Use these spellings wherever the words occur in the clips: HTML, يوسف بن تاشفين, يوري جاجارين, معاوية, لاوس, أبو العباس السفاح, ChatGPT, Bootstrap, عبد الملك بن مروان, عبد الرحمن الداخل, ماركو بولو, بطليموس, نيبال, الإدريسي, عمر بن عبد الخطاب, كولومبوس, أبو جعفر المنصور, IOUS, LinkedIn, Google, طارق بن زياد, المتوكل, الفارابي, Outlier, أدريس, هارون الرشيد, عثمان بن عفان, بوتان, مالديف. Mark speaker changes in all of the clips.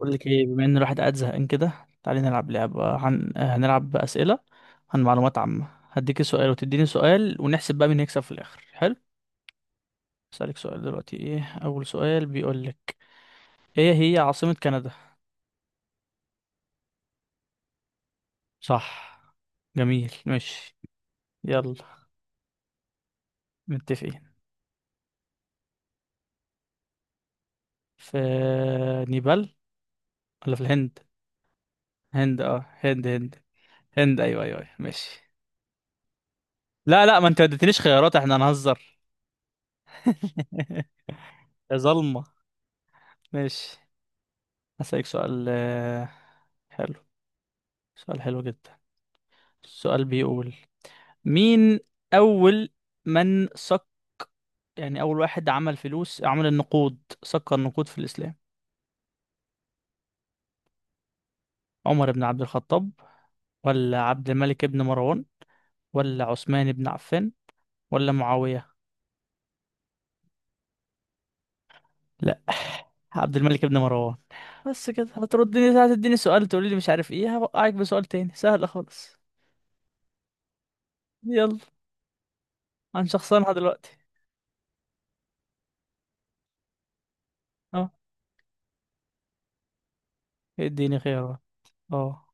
Speaker 1: بقول لك ايه، بما ان الواحد قاعد زهقان كده. تعالي نلعب لعبة. هنلعب أسئلة عن معلومات عامة. هديكي سؤال وتديني سؤال ونحسب بقى مين هيكسب في الآخر. حلو. أسألك سؤال دلوقتي. ايه أول سؤال بيقول لك؟ ايه هي عاصمة كندا؟ صح. جميل. ماشي. يلا. متفقين. في نيبال ولا في الهند؟ هند. اه هند هند. هند ايوه ايوه أيوة. ماشي. لا لا، ما انت ما اديتنيش خيارات، احنا هنهزر. يا ظلمة. ماشي. هسألك سؤال. حلو. سؤال حلو جدا. السؤال بيقول، مين أول من سك، يعني أول واحد عمل فلوس، عمل النقود، سكر النقود في الإسلام؟ عمر بن عبد الخطاب، ولا عبد الملك بن مروان، ولا عثمان بن عفان، ولا معاوية؟ لا، عبد الملك بن مروان. بس كده هتردني، هتديني سؤال تقولي لي مش عارف ايه، هوقعك بسؤال تاني سهل خالص. يلا. عن شخصنها دلوقتي. اه اديني خيارات اه.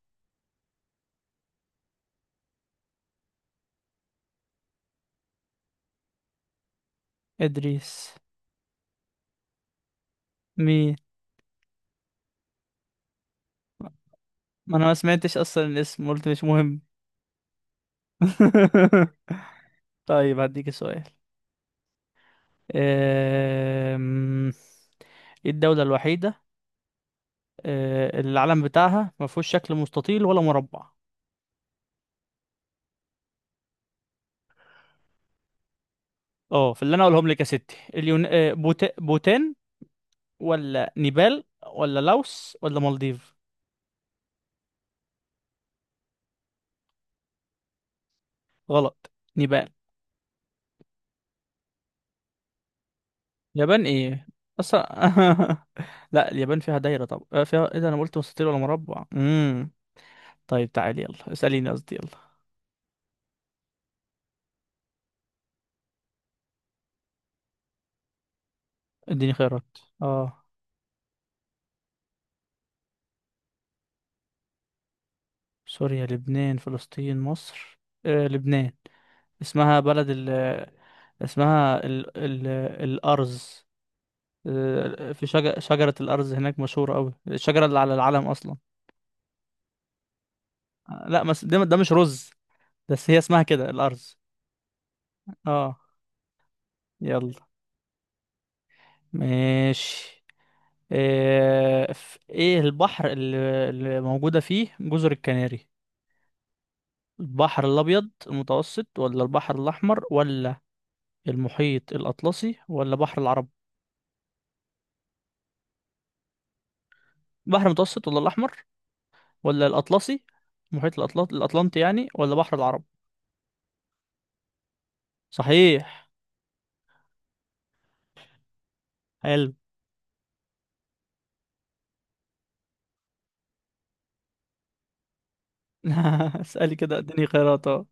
Speaker 1: ادريس. مين؟ ما انا ما سمعتش اصلا الاسم، قلت مش مهم. طيب هديك سؤال. أم، ايه الدولة الوحيدة، اللي العلم بتاعها ما فيهوش شكل مستطيل ولا مربع؟ اه، في اللي انا اقولهم لك يا ستي. بوتان، ولا نيبال، ولا لاوس، ولا مالديف؟ غلط. نيبال. يابان ايه اصلا؟ لا، اليابان فيها دايرة. طب فيها ايه ده؟ انا قلت مستطيل ولا مربع. طيب تعالي يلا، اسأليني قصدي. يلا. اديني خيارات اه. سوريا لبنان فلسطين مصر. آه، لبنان. اسمها بلد ال... اسمها ال الأرز. آه، في شجرة الأرز هناك، مشهورة أوي، الشجرة اللي على العلم أصلا. آه، لا بس ده، ده مش رز، بس هي اسمها كده الأرز. اه. يلا. ماشي. ايه البحر اللي موجودة فيه جزر الكناري؟ البحر الأبيض المتوسط، ولا البحر الأحمر، ولا المحيط الأطلسي، ولا بحر العرب؟ بحر المتوسط ولا الأحمر ولا الأطلسي. المحيط الأطلس، الأطلنطي يعني، ولا بحر العرب؟ صحيح. حلو. اسألي كده اديني خيارات اه.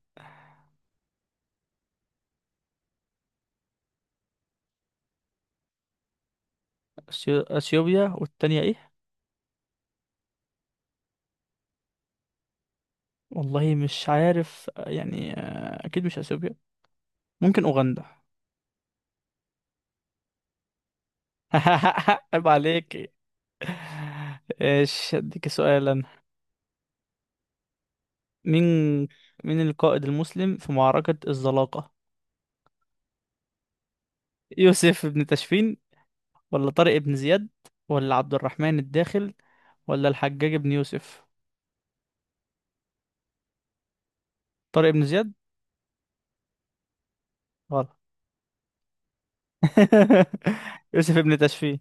Speaker 1: أثيوبيا، والتانية ايه؟ والله مش عارف يعني. أكيد مش أثيوبيا. ممكن أوغندا. عيب عليك. ايش اديك سؤالا. مين مين القائد المسلم في معركة الزلاقة؟ يوسف بن تاشفين، ولا طارق بن زياد، ولا عبد الرحمن الداخل، ولا الحجاج بن يوسف؟ طارق بن زياد. غلط. يوسف بن تشفين.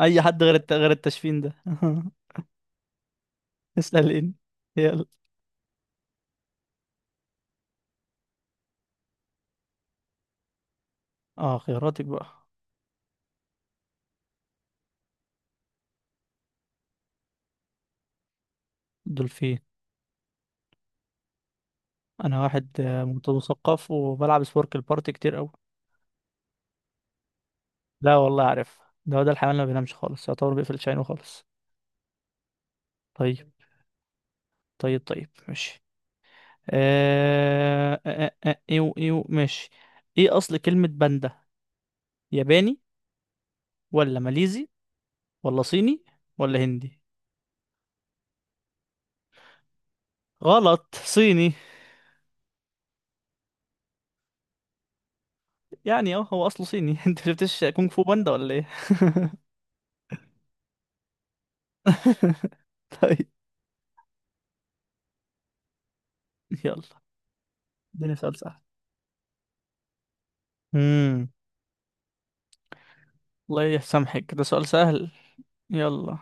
Speaker 1: اي حد غير الت... غير التشفين ده. اسألين. يلا. اه خياراتك بقى. دول فين. انا واحد متثقف وبلعب سبورك البارتي كتير قوي. لا والله عارف. ده هو ده الحيوان اللي ما بينامش خالص، يعتبر بيقفل شعينه خالص. طيب. طيب طيب ماشي. آه... آه... آه... آه، ايو ايو ماشي. ايه اصل كلمة باندا؟ ياباني، ولا ماليزي، ولا صيني، ولا هندي؟ غلط. صيني. يعني اه هو اصله صيني. انت شفتش كونغ فو باندا ولا ايه؟ طيب. يلا اديني سؤال سهل. امم الله يسامحك، ده سؤال سهل. يلا.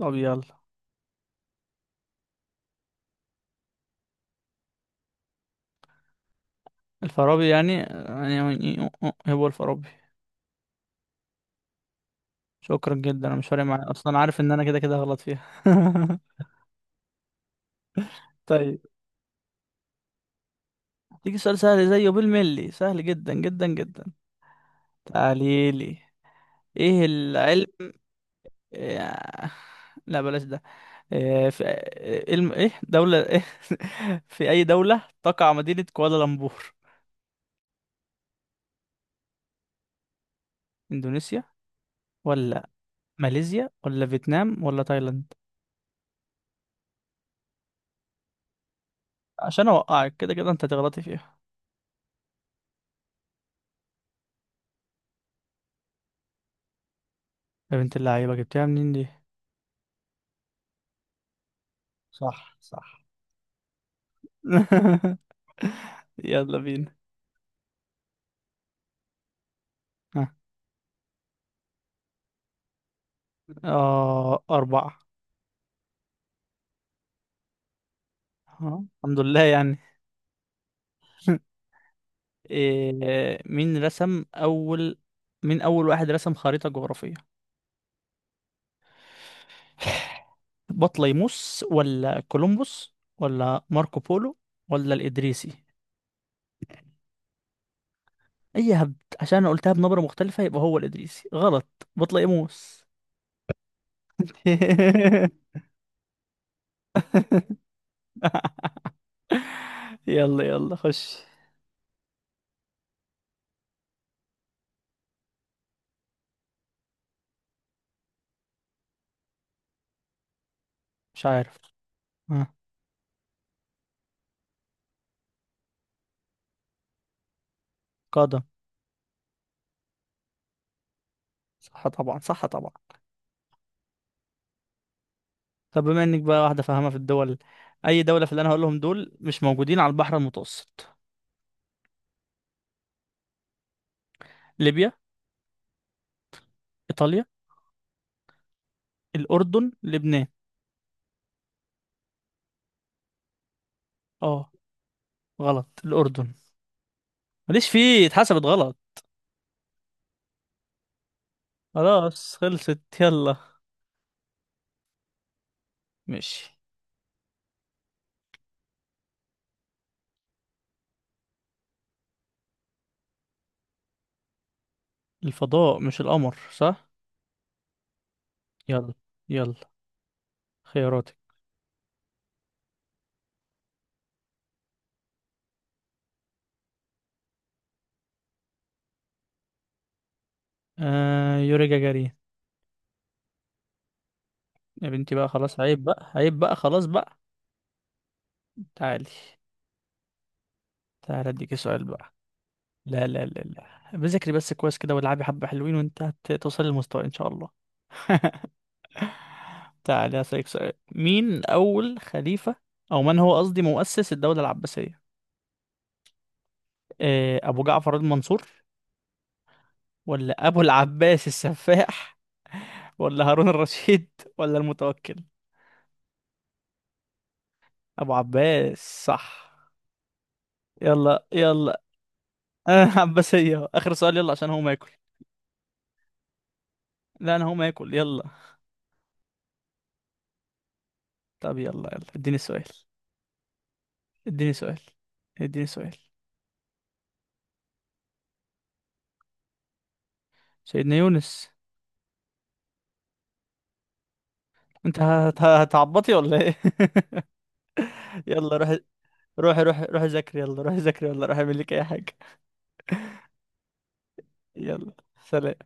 Speaker 1: طب يلا. الفارابي يعني يعني. هو الفارابي. شكرا جدا. انا مش فارق معايا اصلا، عارف ان انا كده كده غلط فيها. طيب. تيجي سؤال سهل زيه، بالملي سهل جدا جدا جدا. تعاليلي. ايه العلم؟ آه، لا بلاش ده. ايه دولة ايه؟ في أي دولة تقع مدينة كوالالمبور؟ إندونيسيا، ولا ماليزيا، ولا فيتنام، ولا تايلاند؟ عشان أوقعك كده كده، أنت هتغلطي فيها. يا بنت اللعيبة، جبتها منين دي؟ صح صح. يلا بينا. ها. آه، أربعة. آه. الحمد لله يعني. إيه. مين رسم أول مين أول واحد رسم خريطة جغرافية؟ بطليموس، ولا كولومبوس، ولا ماركو بولو، ولا الإدريسي؟ أي هبد. عشان أنا قلتها بنبرة مختلفة يبقى هو الإدريسي؟ غلط. بطليموس. يلا يلا خش. مش عارف. ها. قادم. صح طبعا، صح طبعا. طب بما انك بقى واحدة فاهمة في الدول، أي دولة في اللي أنا هقولهم دول مش موجودين على البحر المتوسط؟ ليبيا، إيطاليا، الأردن، لبنان. اه غلط. الأردن. ماليش فيه، اتحسبت غلط. خلاص خلصت. يلا. ماشي. الفضاء مش القمر صح؟ يلا. يلا. خياراتك. آه، يوري جاجارين. يا بنتي بقى خلاص، عيب بقى، عيب بقى، خلاص بقى. تعالي. تعالي اديكي سؤال بقى. لا لا لا لا، بذاكري بس كويس كده، والعبي حبة حلوين، وانت هتوصلي للمستوى ان شاء الله. تعالي هسألك سؤال. مين اول خليفة، او من هو قصدي مؤسس الدولة العباسية؟ آه، ابو جعفر المنصور، ولا ابو العباس السفاح، ولا هارون الرشيد، ولا المتوكل؟ ابو عباس. صح. يلا يلا. آه عباسية أهو. آخر سؤال يلا، عشان هو ما ياكل. لا، أنا هو ما ياكل. يلا. طب يلا يلا اديني سؤال. اديني سؤال. اديني سؤال. سيدنا يونس. هتعبطي ولا إيه؟ يلا روح. روح روح روح ذاكري، يلا روح ذاكري، ولا روح اعمل لك أي حاجة. يلا. سلام.